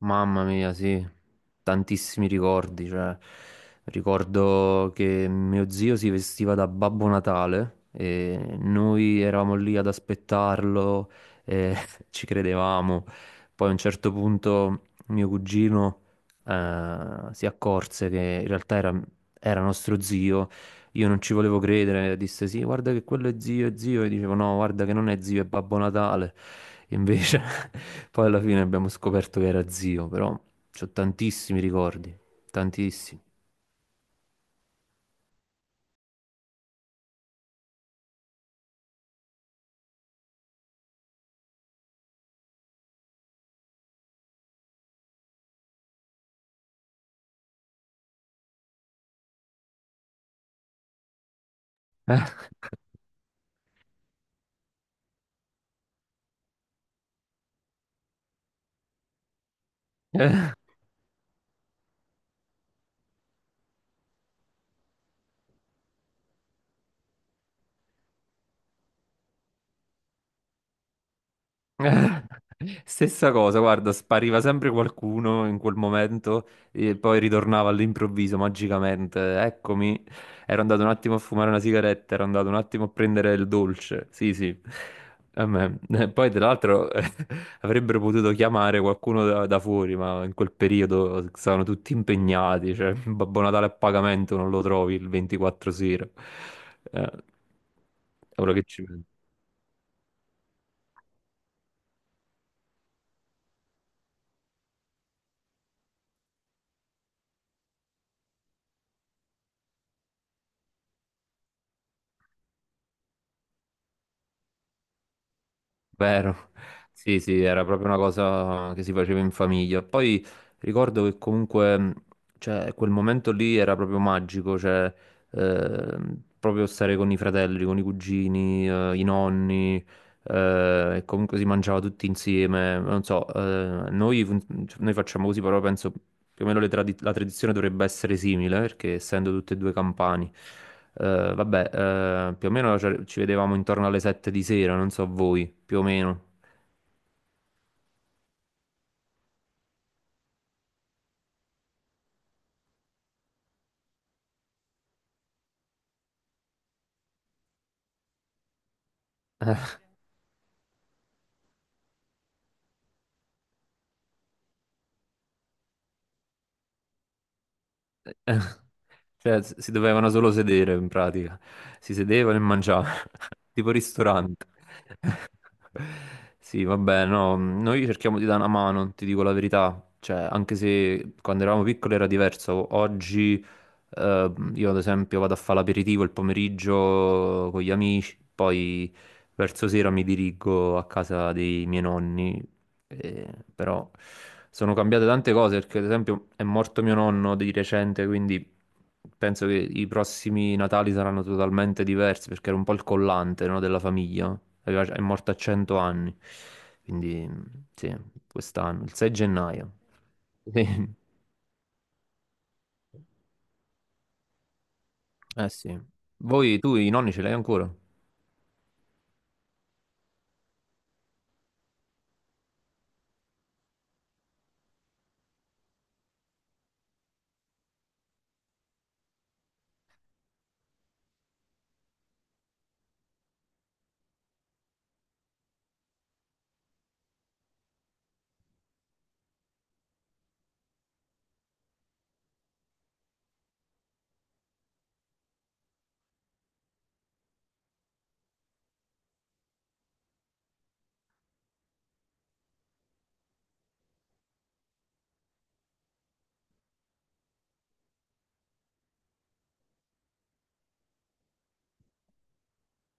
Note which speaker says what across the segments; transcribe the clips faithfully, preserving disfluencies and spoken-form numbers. Speaker 1: Mamma mia, sì, tantissimi ricordi, cioè, ricordo che mio zio si vestiva da Babbo Natale e noi eravamo lì ad aspettarlo e ci credevamo. Poi a un certo punto mio cugino eh, si accorse che in realtà era, era nostro zio. Io non ci volevo credere, disse sì, guarda che quello è zio, è zio, e dicevo no, guarda che non è zio, è Babbo Natale. Invece poi alla fine abbiamo scoperto che era zio, però ho tantissimi ricordi, tantissimi. Eh, eh. Stessa cosa, guarda, spariva sempre qualcuno in quel momento e poi ritornava all'improvviso, magicamente. Eccomi, ero andato un attimo a fumare una sigaretta, ero andato un attimo a prendere il dolce. Sì, sì. A me. Eh, Poi, tra l'altro, avrebbero potuto chiamare qualcuno da, da fuori, ma in quel periodo stavano tutti impegnati, cioè Babbo Natale a pagamento non lo trovi il ventiquattro sera. Eh, ora che ci penso. Vero, sì, sì, era proprio una cosa che si faceva in famiglia. Poi ricordo che comunque, mh, cioè, quel momento lì era proprio magico, cioè, ehm, proprio stare con i fratelli, con i cugini, eh, i nonni, eh, e comunque si mangiava tutti insieme. Non so, eh, noi, fun- noi facciamo così, però penso più o meno le tradi- la tradizione dovrebbe essere simile, perché essendo tutte e due campani. Eh, vabbè, eh, più o meno ci ci vedevamo intorno alle sette di sera, non so voi, più o meno. Cioè, s- si dovevano solo sedere in pratica. Si sedevano e mangiavano, tipo ristorante. Sì, vabbè, no, noi cerchiamo di dare una mano, ti dico la verità. Cioè, anche se quando eravamo piccoli era diverso, oggi eh, io ad esempio vado a fare l'aperitivo il pomeriggio con gli amici, poi verso sera mi dirigo a casa dei miei nonni eh, però sono cambiate tante cose perché, ad esempio, è morto mio nonno di recente, quindi penso che i prossimi Natali saranno totalmente diversi perché era un po' il collante, no, della famiglia. Aveva- È morto a cento anni, quindi sì, quest'anno, il sei gennaio. Sì. Eh sì. Voi, tu i nonni ce li hai ancora?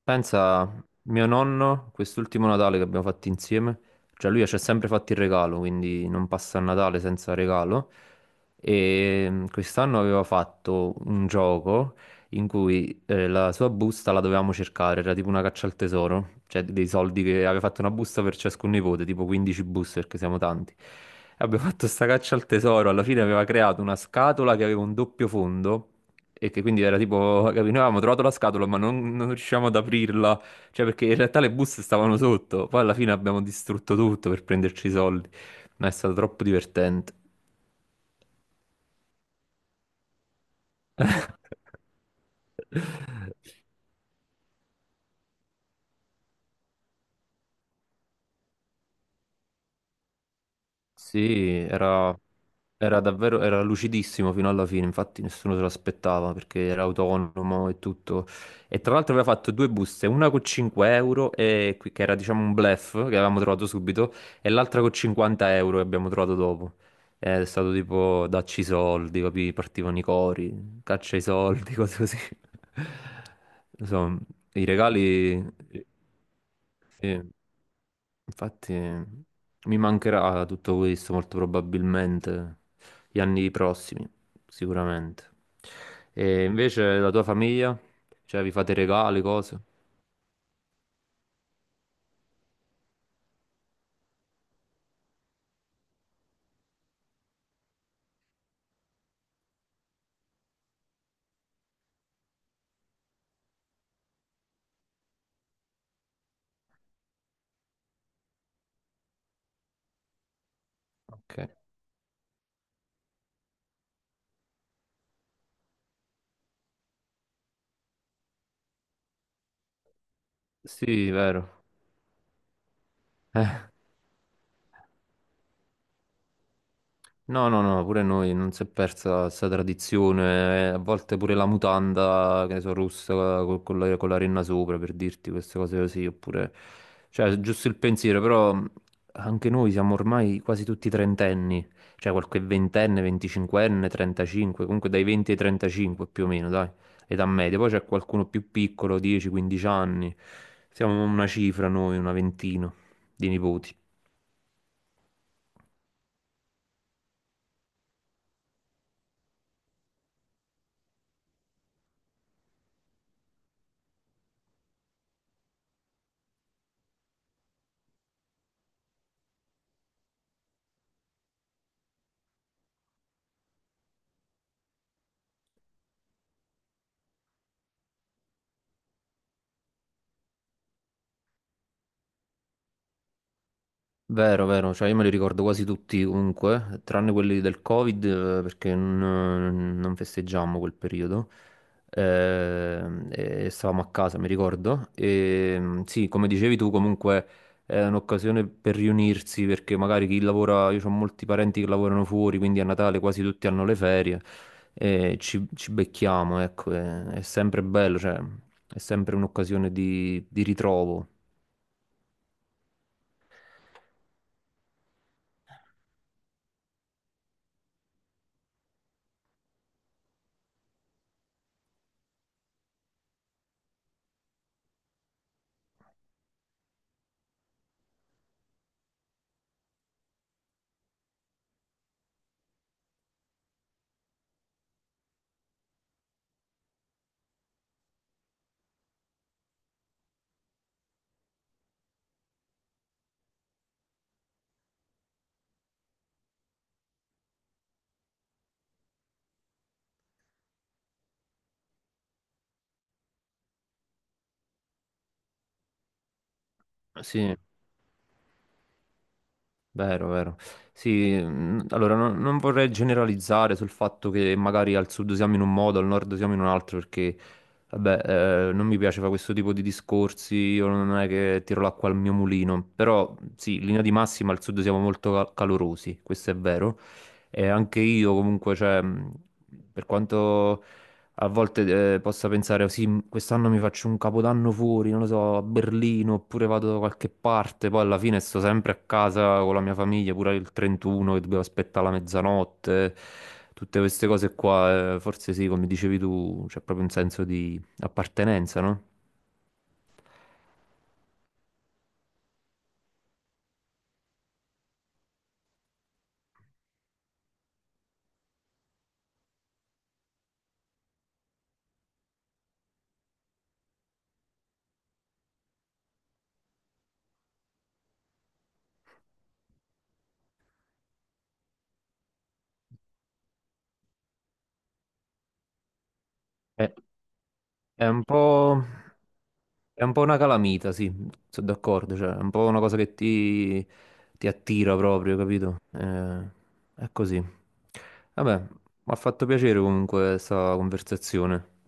Speaker 1: Pensa, mio nonno, quest'ultimo Natale che abbiamo fatto insieme, cioè lui ci ha sempre fatto il regalo, quindi non passa il Natale senza regalo. E mm, quest'anno aveva fatto un gioco in cui eh, la sua busta la dovevamo cercare, era tipo una caccia al tesoro, cioè dei soldi che aveva fatto una busta per ciascun nipote, tipo quindici buste perché siamo tanti. E abbiamo fatto sta caccia al tesoro, alla fine aveva creato una scatola che aveva un doppio fondo. E che quindi era tipo, capi, noi avevamo trovato la scatola ma non, non riuscivamo ad aprirla, cioè perché in realtà le buste stavano sotto, poi alla fine abbiamo distrutto tutto per prenderci i soldi, ma è stato troppo divertente. Sì, era, era davvero, era lucidissimo fino alla fine, infatti nessuno se l'aspettava perché era autonomo e tutto. E tra l'altro aveva fatto due buste, una con cinque euro, e qui- che era diciamo un bluff che avevamo trovato subito, e l'altra con cinquanta euro che abbiamo trovato dopo. È stato tipo dacci i soldi, capì? Partivano i cori, caccia i soldi, cose così. Insomma, i regali... sì. Infatti mi mancherà tutto questo molto probabilmente gli anni prossimi, sicuramente. E invece la tua famiglia? Cioè vi fate regali, cose? Ok. Sì, vero. No, no, no, pure noi non si è persa questa tradizione, eh, a volte pure la mutanda, che ne so, rossa co- con, la, con la renna sopra, per dirti queste cose così, oppure, cioè, giusto il pensiero, però mh, anche noi siamo ormai quasi tutti trentenni, cioè qualche ventenne, venticinquenne, trentacinque, comunque dai venti ai trentacinque più o meno, dai, età media, poi c'è qualcuno più piccolo, dieci quindici anni, siamo una cifra noi, una ventina di nipoti. Vero, vero, cioè io me li ricordo quasi tutti comunque, tranne quelli del Covid eh, perché non, non festeggiammo quel periodo. Ehm, e stavamo a casa, mi ricordo. E sì, come dicevi tu, comunque è un'occasione per riunirsi perché magari chi lavora, io ho molti parenti che lavorano fuori, quindi a Natale quasi tutti hanno le ferie e ci, ci becchiamo, ecco, è, è sempre bello, cioè è sempre un'occasione di, di ritrovo. Sì. Vero, vero. Sì, mm, allora non, non vorrei generalizzare sul fatto che magari al sud siamo in un modo, al nord siamo in un altro, perché vabbè, eh, non mi piace fare questo tipo di discorsi, io non è che tiro l'acqua al mio mulino, però sì, in linea di massima al sud siamo molto cal- calorosi, questo è vero. E anche io comunque, cioè, mm, per quanto a volte eh, possa pensare, "Oh, sì, m- quest'anno mi faccio un capodanno fuori, non lo so, a Berlino, oppure vado da qualche parte, poi alla fine sto sempre a casa con la mia famiglia, pure il trentuno che dovevo aspettare la mezzanotte, tutte queste cose qua, eh, forse sì, come dicevi tu, c'è proprio un senso di appartenenza, no? È, è un po'... È un po' una calamita, sì, sono d'accordo, cioè, è un po' una cosa che ti, ti attira proprio, capito? Eh, è così. Vabbè, mi ha fatto piacere comunque questa conversazione.